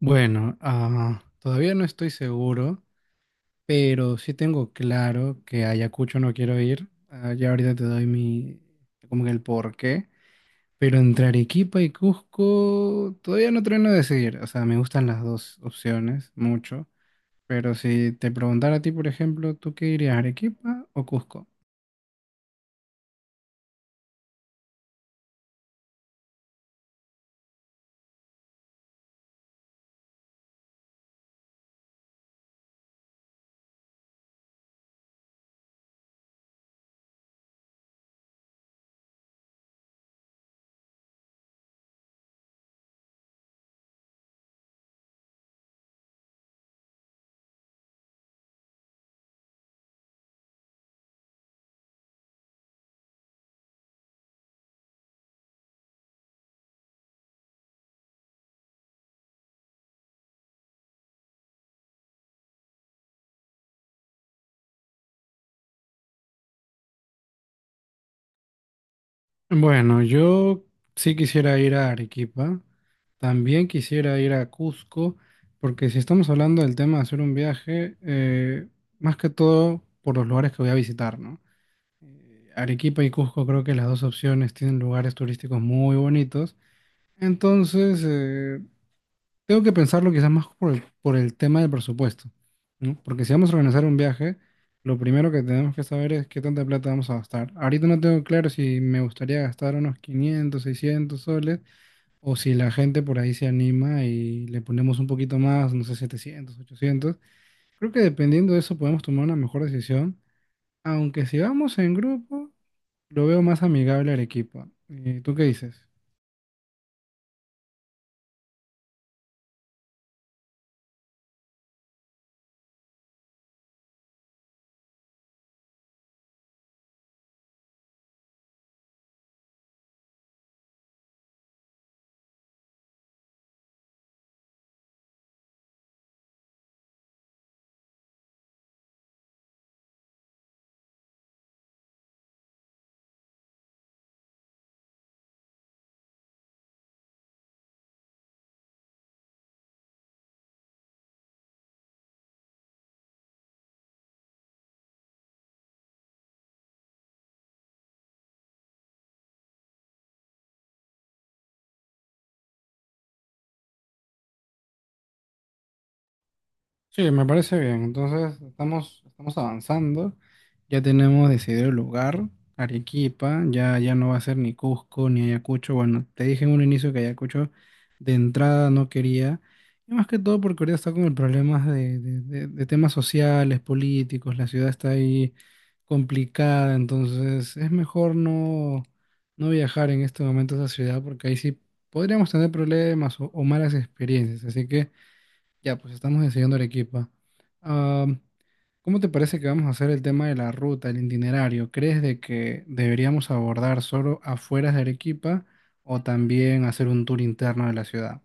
Bueno, todavía no estoy seguro, pero sí tengo claro que a Ayacucho no quiero ir. Ya ahorita te doy como que el porqué. Pero entre Arequipa y Cusco todavía no termino de decidir. O sea, me gustan las dos opciones mucho. Pero si te preguntara a ti, por ejemplo, ¿tú qué irías, Arequipa o Cusco? Bueno, yo sí quisiera ir a Arequipa, también quisiera ir a Cusco, porque si estamos hablando del tema de hacer un viaje, más que todo por los lugares que voy a visitar, ¿no? Arequipa y Cusco creo que las dos opciones tienen lugares turísticos muy bonitos, entonces tengo que pensarlo quizás más por el tema del presupuesto, ¿no? Porque si vamos a organizar un viaje, lo primero que tenemos que saber es qué tanta plata vamos a gastar. Ahorita no tengo claro si me gustaría gastar unos 500, 600 soles o si la gente por ahí se anima y le ponemos un poquito más, no sé, 700, 800. Creo que dependiendo de eso podemos tomar una mejor decisión, aunque si vamos en grupo, lo veo más amigable al equipo. ¿Tú qué dices? Sí, me parece bien. Entonces, estamos avanzando. Ya tenemos decidido el lugar, Arequipa. Ya, ya no va a ser ni Cusco ni Ayacucho. Bueno, te dije en un inicio que Ayacucho de entrada no quería. Y más que todo porque ahorita está con el problema de temas sociales, políticos. La ciudad está ahí complicada. Entonces, es mejor no viajar en este momento a esa ciudad porque ahí sí podríamos tener problemas o malas experiencias. Así que. Ya, pues estamos enseñando Arequipa. Ah, ¿Cómo te parece que vamos a hacer el tema de la ruta, el itinerario? ¿Crees de que deberíamos abordar solo afueras de Arequipa o también hacer un tour interno de la ciudad?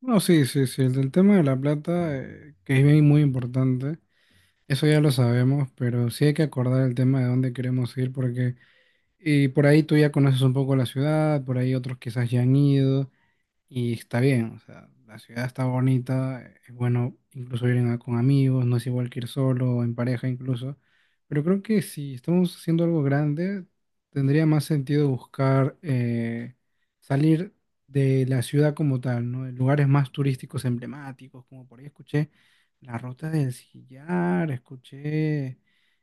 No, sí, sí, sí. El del tema de la plata, que es bien muy importante, eso ya lo sabemos, pero sí hay que acordar el tema de dónde queremos ir porque y por ahí tú ya conoces un poco la ciudad, por ahí otros quizás ya han ido. Y está bien, o sea, la ciudad está bonita, es bueno incluso ir con amigos, no es igual que ir solo o en pareja incluso, pero creo que si estamos haciendo algo grande, tendría más sentido buscar salir de la ciudad como tal, ¿no? En lugares más turísticos emblemáticos, como por ahí escuché la Ruta del Sillar, escuché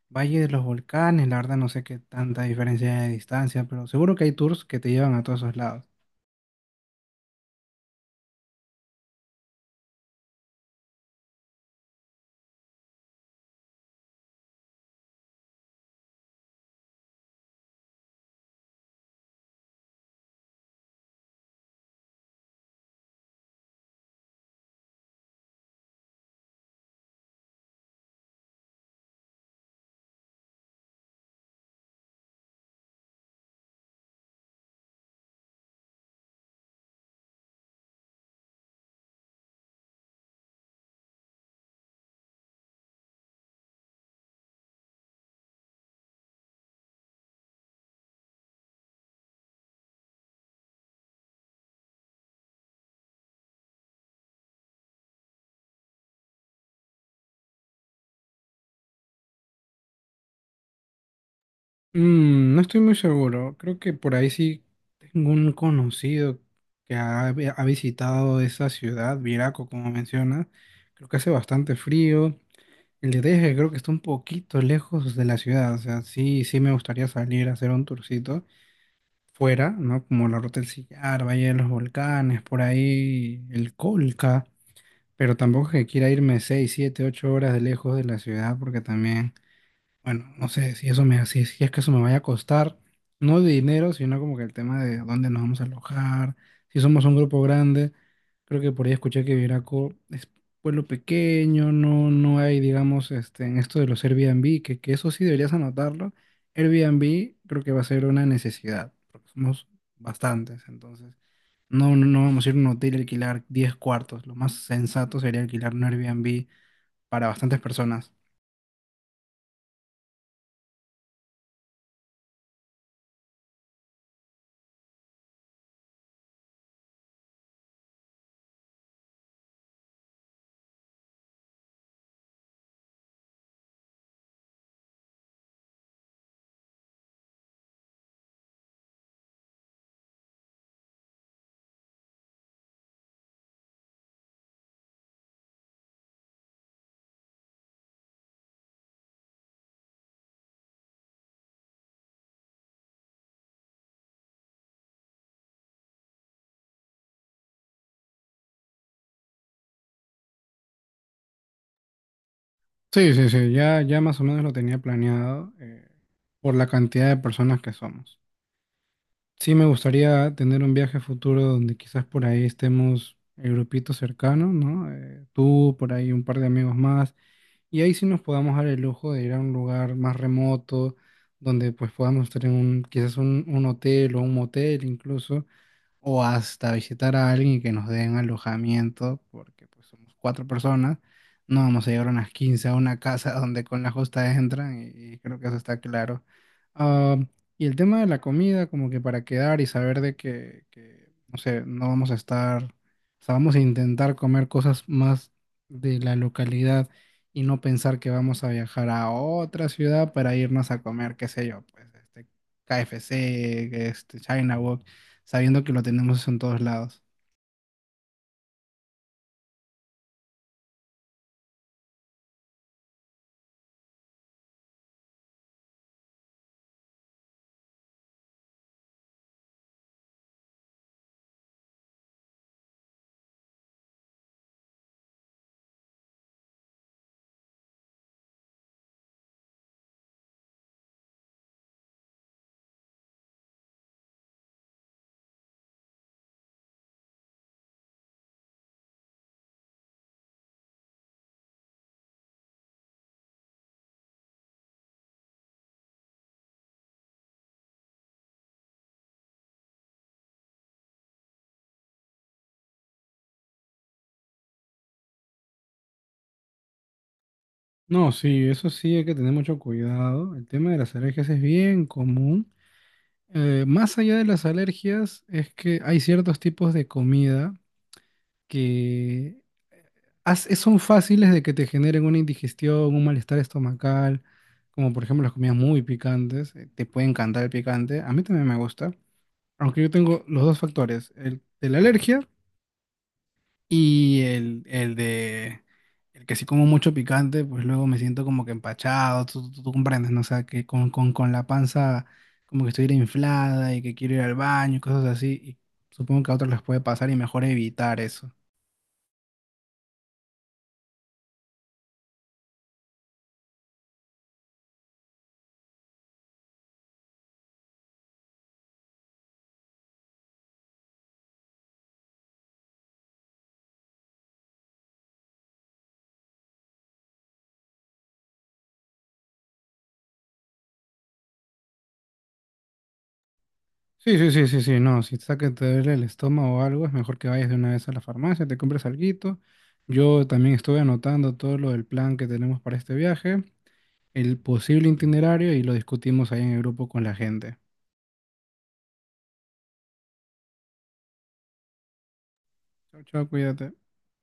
Valle de los Volcanes, la verdad no sé qué tanta diferencia hay de distancia, pero seguro que hay tours que te llevan a todos esos lados. Mm, no estoy muy seguro. Creo que por ahí sí tengo un conocido que ha visitado esa ciudad, Viraco, como mencionas. Creo que hace bastante frío. El detalle es que creo que está un poquito lejos de la ciudad. O sea, sí, sí me gustaría salir a hacer un tourcito fuera, ¿no? Como la Ruta del Sillar, Valle de los Volcanes, por ahí el Colca. Pero tampoco es que quiera irme 6, 7, 8 horas de lejos de la ciudad porque también... Bueno, no sé si si es que eso me vaya a costar, no de dinero, sino como que el tema de dónde nos vamos a alojar, si somos un grupo grande, creo que por ahí escuché que Viraco es pueblo pequeño, no hay, digamos, este, en esto de los Airbnb, que eso sí deberías anotarlo, Airbnb creo que va a ser una necesidad, porque somos bastantes, entonces no vamos a ir a un hotel y alquilar 10 cuartos, lo más sensato sería alquilar un Airbnb para bastantes personas. Sí, sí, sí, ya, ya más o menos lo tenía planeado por la cantidad de personas que somos. Sí, me gustaría tener un viaje futuro donde quizás por ahí estemos el grupito cercano, ¿no? Tú, por ahí un par de amigos más, y ahí sí nos podamos dar el lujo de ir a un lugar más remoto, donde pues podamos estar en un, quizás un hotel o un motel incluso, o hasta visitar a alguien y que nos den alojamiento, porque pues somos cuatro personas, no vamos a llegar a unas 15 a una casa donde con la justa entran y creo que eso está claro. Ah, y el tema de la comida, como que para quedar y saber de no sé, no vamos a estar, o sea, vamos a intentar comer cosas más de la localidad y no pensar que vamos a viajar a otra ciudad para irnos a comer, qué sé yo, pues este KFC, este China sabiendo que lo tenemos en todos lados. No, sí, eso sí hay que tener mucho cuidado. El tema de las alergias es bien común. Más allá de las alergias, es que hay ciertos tipos de comida que son fáciles de que te generen una indigestión, un malestar estomacal, como por ejemplo las comidas muy picantes. Te puede encantar el picante, a mí también me gusta. Aunque yo tengo los dos factores, el de la alergia y el que sí como mucho picante, pues luego me siento como que empachado, tú comprendes, ¿no? O sea, que con la panza como que estuviera inflada y que quiero ir al baño y cosas así. Y supongo que a otros les puede pasar y mejor evitar eso. Sí, sí, sí, sí, sí, no, si está que te duele el estómago o algo, es mejor que vayas de una vez a la farmacia, te compres alguito. Yo también estuve anotando todo lo del plan que tenemos para este viaje, el posible itinerario y lo discutimos ahí en el grupo con la gente. Chao, chao, cuídate.